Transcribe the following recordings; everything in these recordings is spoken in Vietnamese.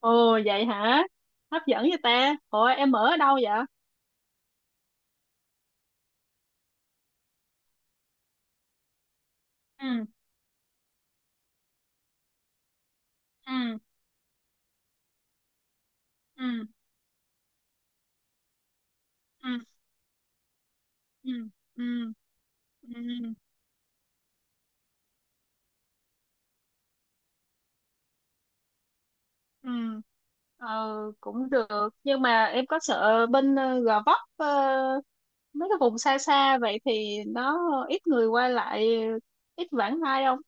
Ồ vậy hả? Hấp dẫn vậy ta. Ủa em ở đâu vậy? Ừ. Ừ. Ừ. Ừ. Ừ. Ừ. Ừ. Ừ. Ờ, cũng được. Nhưng mà em có sợ bên Gò Vấp, mấy cái vùng xa xa vậy thì nó ít người qua lại, ít vãng lai không?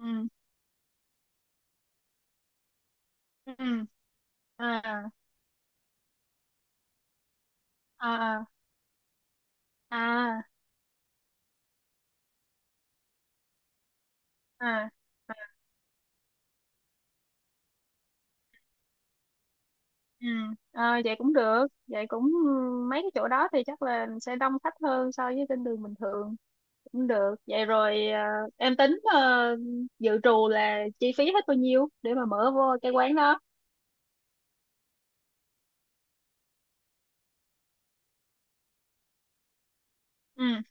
Ừ. Ừ. À. À. À. À. Ừ. Ờ vậy cũng được. Vậy cũng, ừ, mấy cái chỗ đó thì chắc là sẽ đông khách hơn so với trên đường bình thường. Cũng được vậy rồi à? Em tính dự trù là chi phí hết bao nhiêu để mà mở vô cái quán đó. Ừ.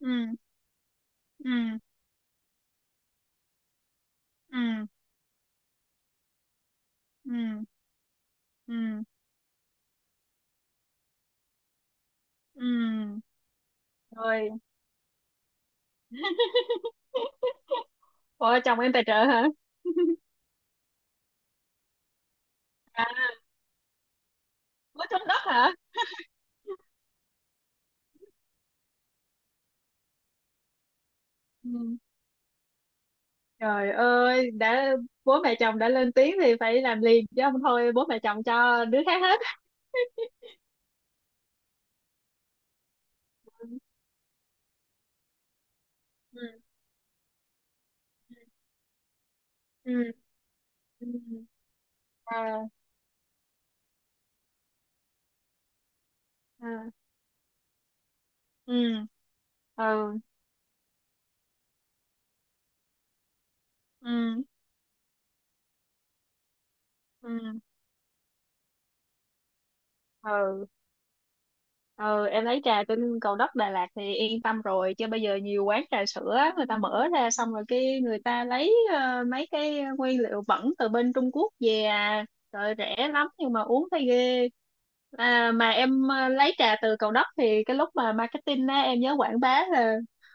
Ừ. Ừ. Ừ. Ừ. Ừ. Ừ. Rồi. Ủa chồng em tài trợ hả? À, có trống đất hả? Ừ. Trời ơi, đã bố mẹ chồng đã lên tiếng thì phải làm liền chứ không thôi bố mẹ chồng cho đứa khác hết. Ừ. Ừ. Ừ. À. À. Ừ. Ừ. Ừ. Ừ. Ừ. Ừ. Em lấy trà trên Cầu Đất Đà Lạt thì yên tâm rồi, chứ bây giờ nhiều quán trà sữa người ta mở ra xong rồi cái người ta lấy mấy cái nguyên liệu bẩn từ bên Trung Quốc về à. Rồi rẻ lắm nhưng mà uống thấy ghê. À, mà em lấy trà từ Cầu Đất thì cái lúc mà marketing á em nhớ quảng bá là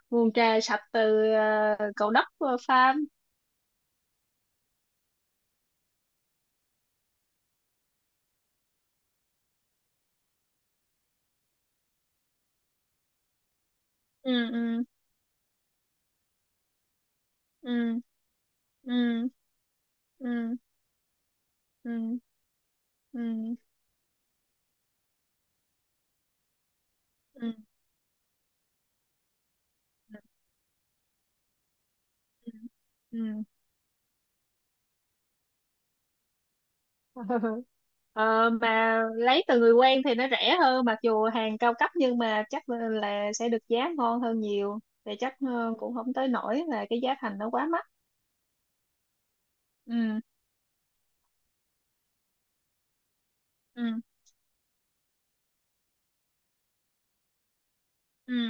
nguồn trà sạch từ Cầu Đất farm. Ừ. Ừ. Ừ. Ừ. Ừ. Ừ. Ừ. Ừ. Ừ. Ừ. Ừ. Ờ, mà lấy từ người quen thì nó rẻ hơn mặc dù hàng cao cấp nhưng mà chắc là sẽ được giá ngon hơn nhiều, thì chắc cũng không tới nỗi là cái giá thành nó quá mắc. Ừ. Ừ. Ừ.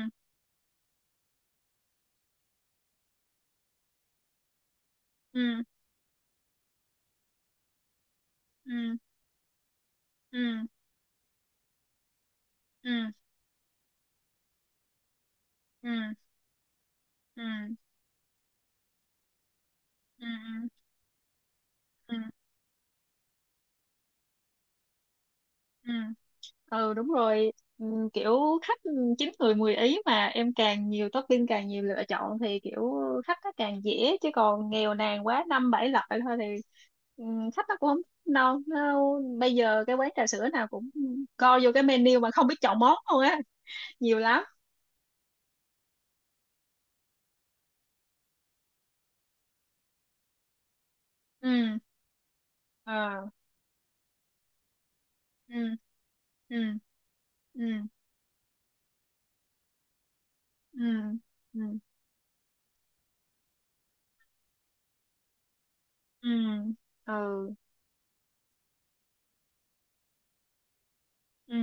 Ừ. Ừ. Ừ. Ừ. Ừ. Ừ. Ừ. Ừ. Ừ. Ừ. Ừ đúng rồi. Kiểu khách chín người mười ý mà em càng nhiều topping càng nhiều lựa chọn thì kiểu khách nó càng dễ, chứ còn nghèo nàn quá năm bảy loại thôi thì khách nó cũng không no nó. Bây giờ cái quán trà sữa nào cũng co vô cái menu mà không biết chọn món luôn á, nhiều lắm. Ừ. Ờ. Ừ. Ừ. Ừ. Ừ. Ừ. Ừ. Ừ. Ừ.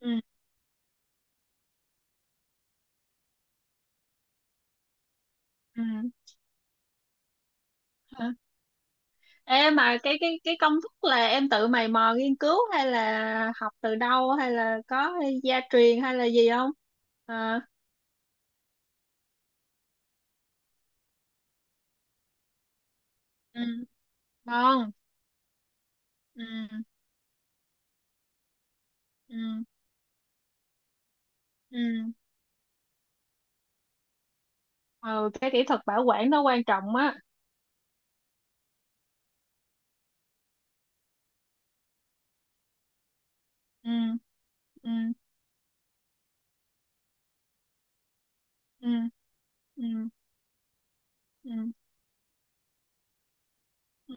Ừ. Ừ. Ê mà cái công thức là em tự mày mò nghiên cứu hay là học từ đâu hay là có gia truyền hay là gì không? À. Ừ. Ngon. Ừ. Ừ. Ừ. Ừ, cái kỹ thuật bảo quản nó quan trọng á. Ừ. Ừ. Ừ. Ừ. Ừ. Ừ.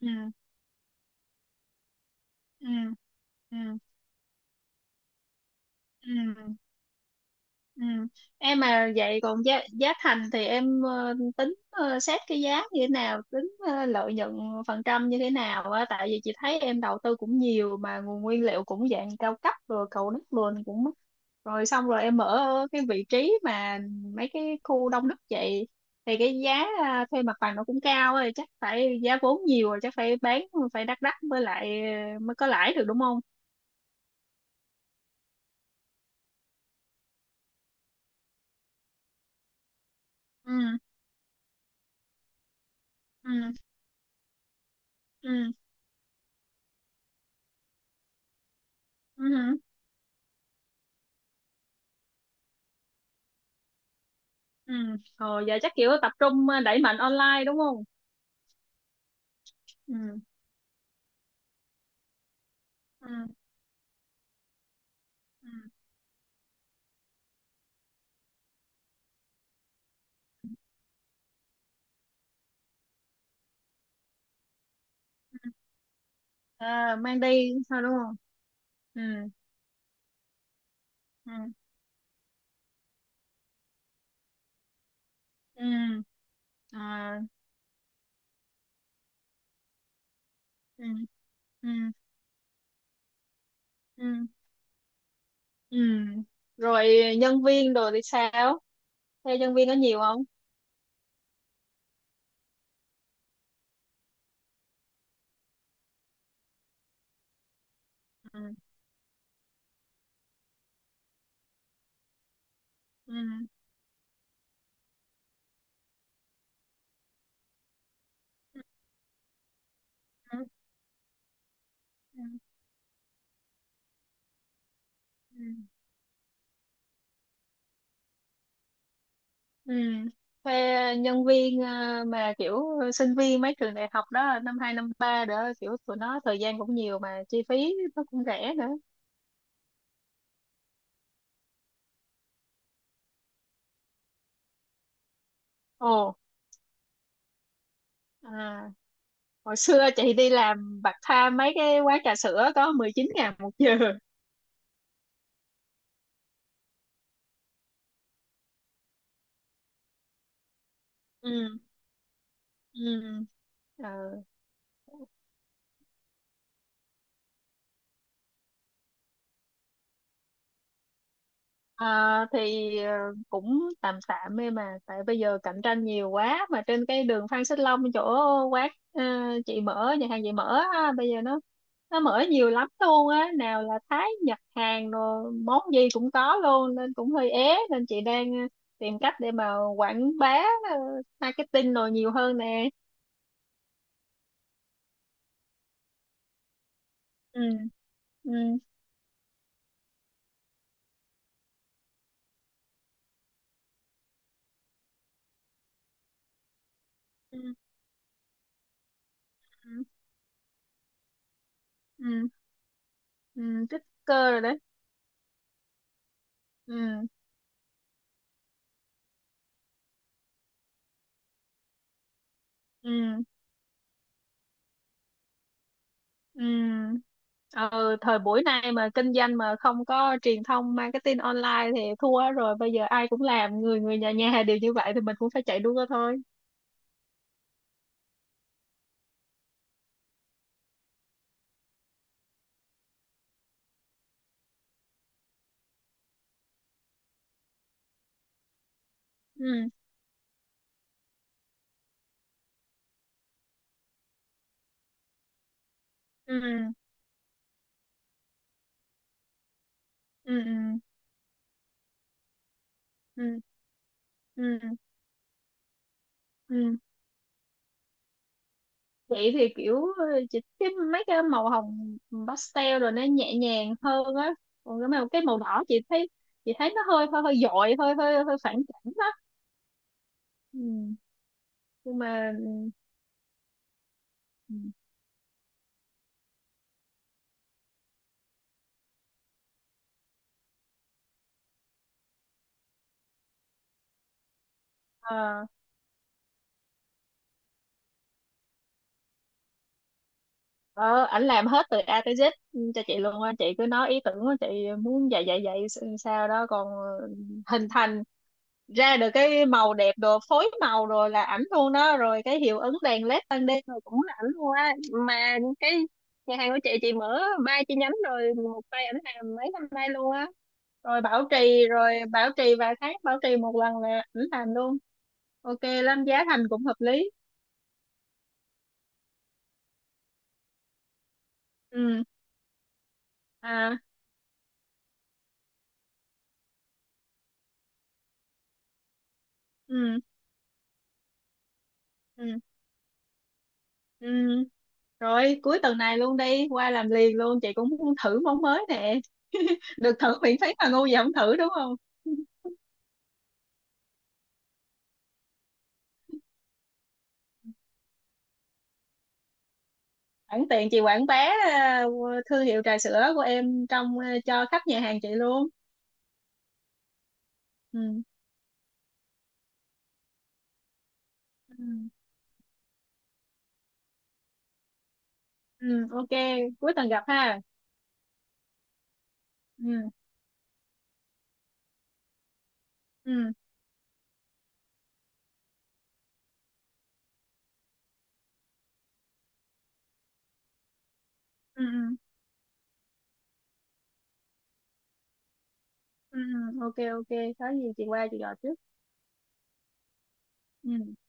Ừ. Ừ. Ừ. Ừ. Ừ. Em mà vậy còn giá giá thành thì em tính xét cái giá như thế nào, tính lợi nhuận phần trăm như thế nào á, tại vì chị thấy em đầu tư cũng nhiều mà nguồn nguyên liệu cũng dạng cao cấp rồi cầu đất luôn cũng mắc. Rồi xong rồi em ở cái vị trí mà mấy cái khu đông đúc vậy thì cái giá thuê mặt bằng nó cũng cao rồi, chắc phải giá vốn nhiều rồi chắc phải bán phải đắt đắt mới lại mới có lãi được đúng không? Ừ. Ừ. Ừ. Ừ. Ừ rồi, giờ chắc kiểu tập trung đẩy mạnh online đúng không? Ừ. Ừ. Ừ. Ừ. À, mang đi sao đúng không? Ừ. Ừ. Ừ. À. Ừ. Ừ. Ừ. Ừ rồi, nhân viên đồ thì sao? Thuê nhân viên có nhiều không? Ừ. Ừ. Ừ. Ừ. Ừ. Ừ. Ừ. Thuê nhân viên mà kiểu sinh viên mấy trường đại học đó năm hai năm ba đó kiểu tụi nó thời gian cũng nhiều mà chi phí nó cũng rẻ nữa. Ồ. À, hồi xưa chị đi làm part time mấy cái quán trà sữa có 19.000 một giờ. Ừ. Ừ. Ờ. À, thì cũng tạm tạm ấy mà tại bây giờ cạnh tranh nhiều quá mà trên cái đường Phan Xích Long chỗ quán chị mở nhà hàng chị mở á, bây giờ nó mở nhiều lắm luôn á, nào là Thái Nhật Hàn rồi món gì cũng có luôn nên cũng hơi ế nên chị đang tìm cách để mà quảng bá ờ, marketing rồi nhiều hơn nè. Ừ. Ừ. Ừ. Ừ. Ừ. Tích cơ rồi đấy. Ừ. Ừ. Ừ. Ờ, thời buổi này mà kinh doanh mà không có truyền thông marketing online thì thua rồi, bây giờ ai cũng làm, người người nhà nhà đều như vậy thì mình cũng phải chạy đua thôi. Ừ. Ừ. Ừ. Ừ. Ừ. Ừ. Ừ. Vậy thì kiểu chị cái mấy cái màu hồng pastel rồi nó nhẹ nhàng hơn á. Còn cái màu đỏ chị thấy nó hơi hơi hơi dội hơi hơi hơi phản cảm đó. Ừ. Nhưng mà ừ. Ừ. Ờ. Ờ, ảnh làm hết từ A tới Z cho chị luôn á, chị cứ nói ý tưởng của chị muốn dạy dạy dạy s- sao đó, còn hình thành ra được cái màu đẹp đồ phối màu rồi là ảnh luôn đó, rồi cái hiệu ứng đèn led ban đêm rồi cũng là ảnh luôn á, mà cái nhà hàng của chị mở ba chi nhánh rồi một tay ảnh làm mấy năm nay luôn á, rồi bảo trì vài tháng bảo trì một lần là ảnh làm luôn, ok lắm, giá thành cũng hợp lý. Ừ. À. Ừ. Ừ. Ừ. Rồi cuối tuần này luôn đi qua làm liền luôn, chị cũng muốn thử món mới nè. Được thử miễn phí mà ngu gì không thử đúng không? Sẵn tiện chị quảng bá thương hiệu trà sữa của em trong cho khách nhà hàng chị luôn. Ừ. Ừ. Ừ ok, cuối tuần gặp ha. Ừ. Ừ. Ừ. Ừ. Ừ. Ừ. Ok ok, có gì chị qua chị gọi trước. Ừ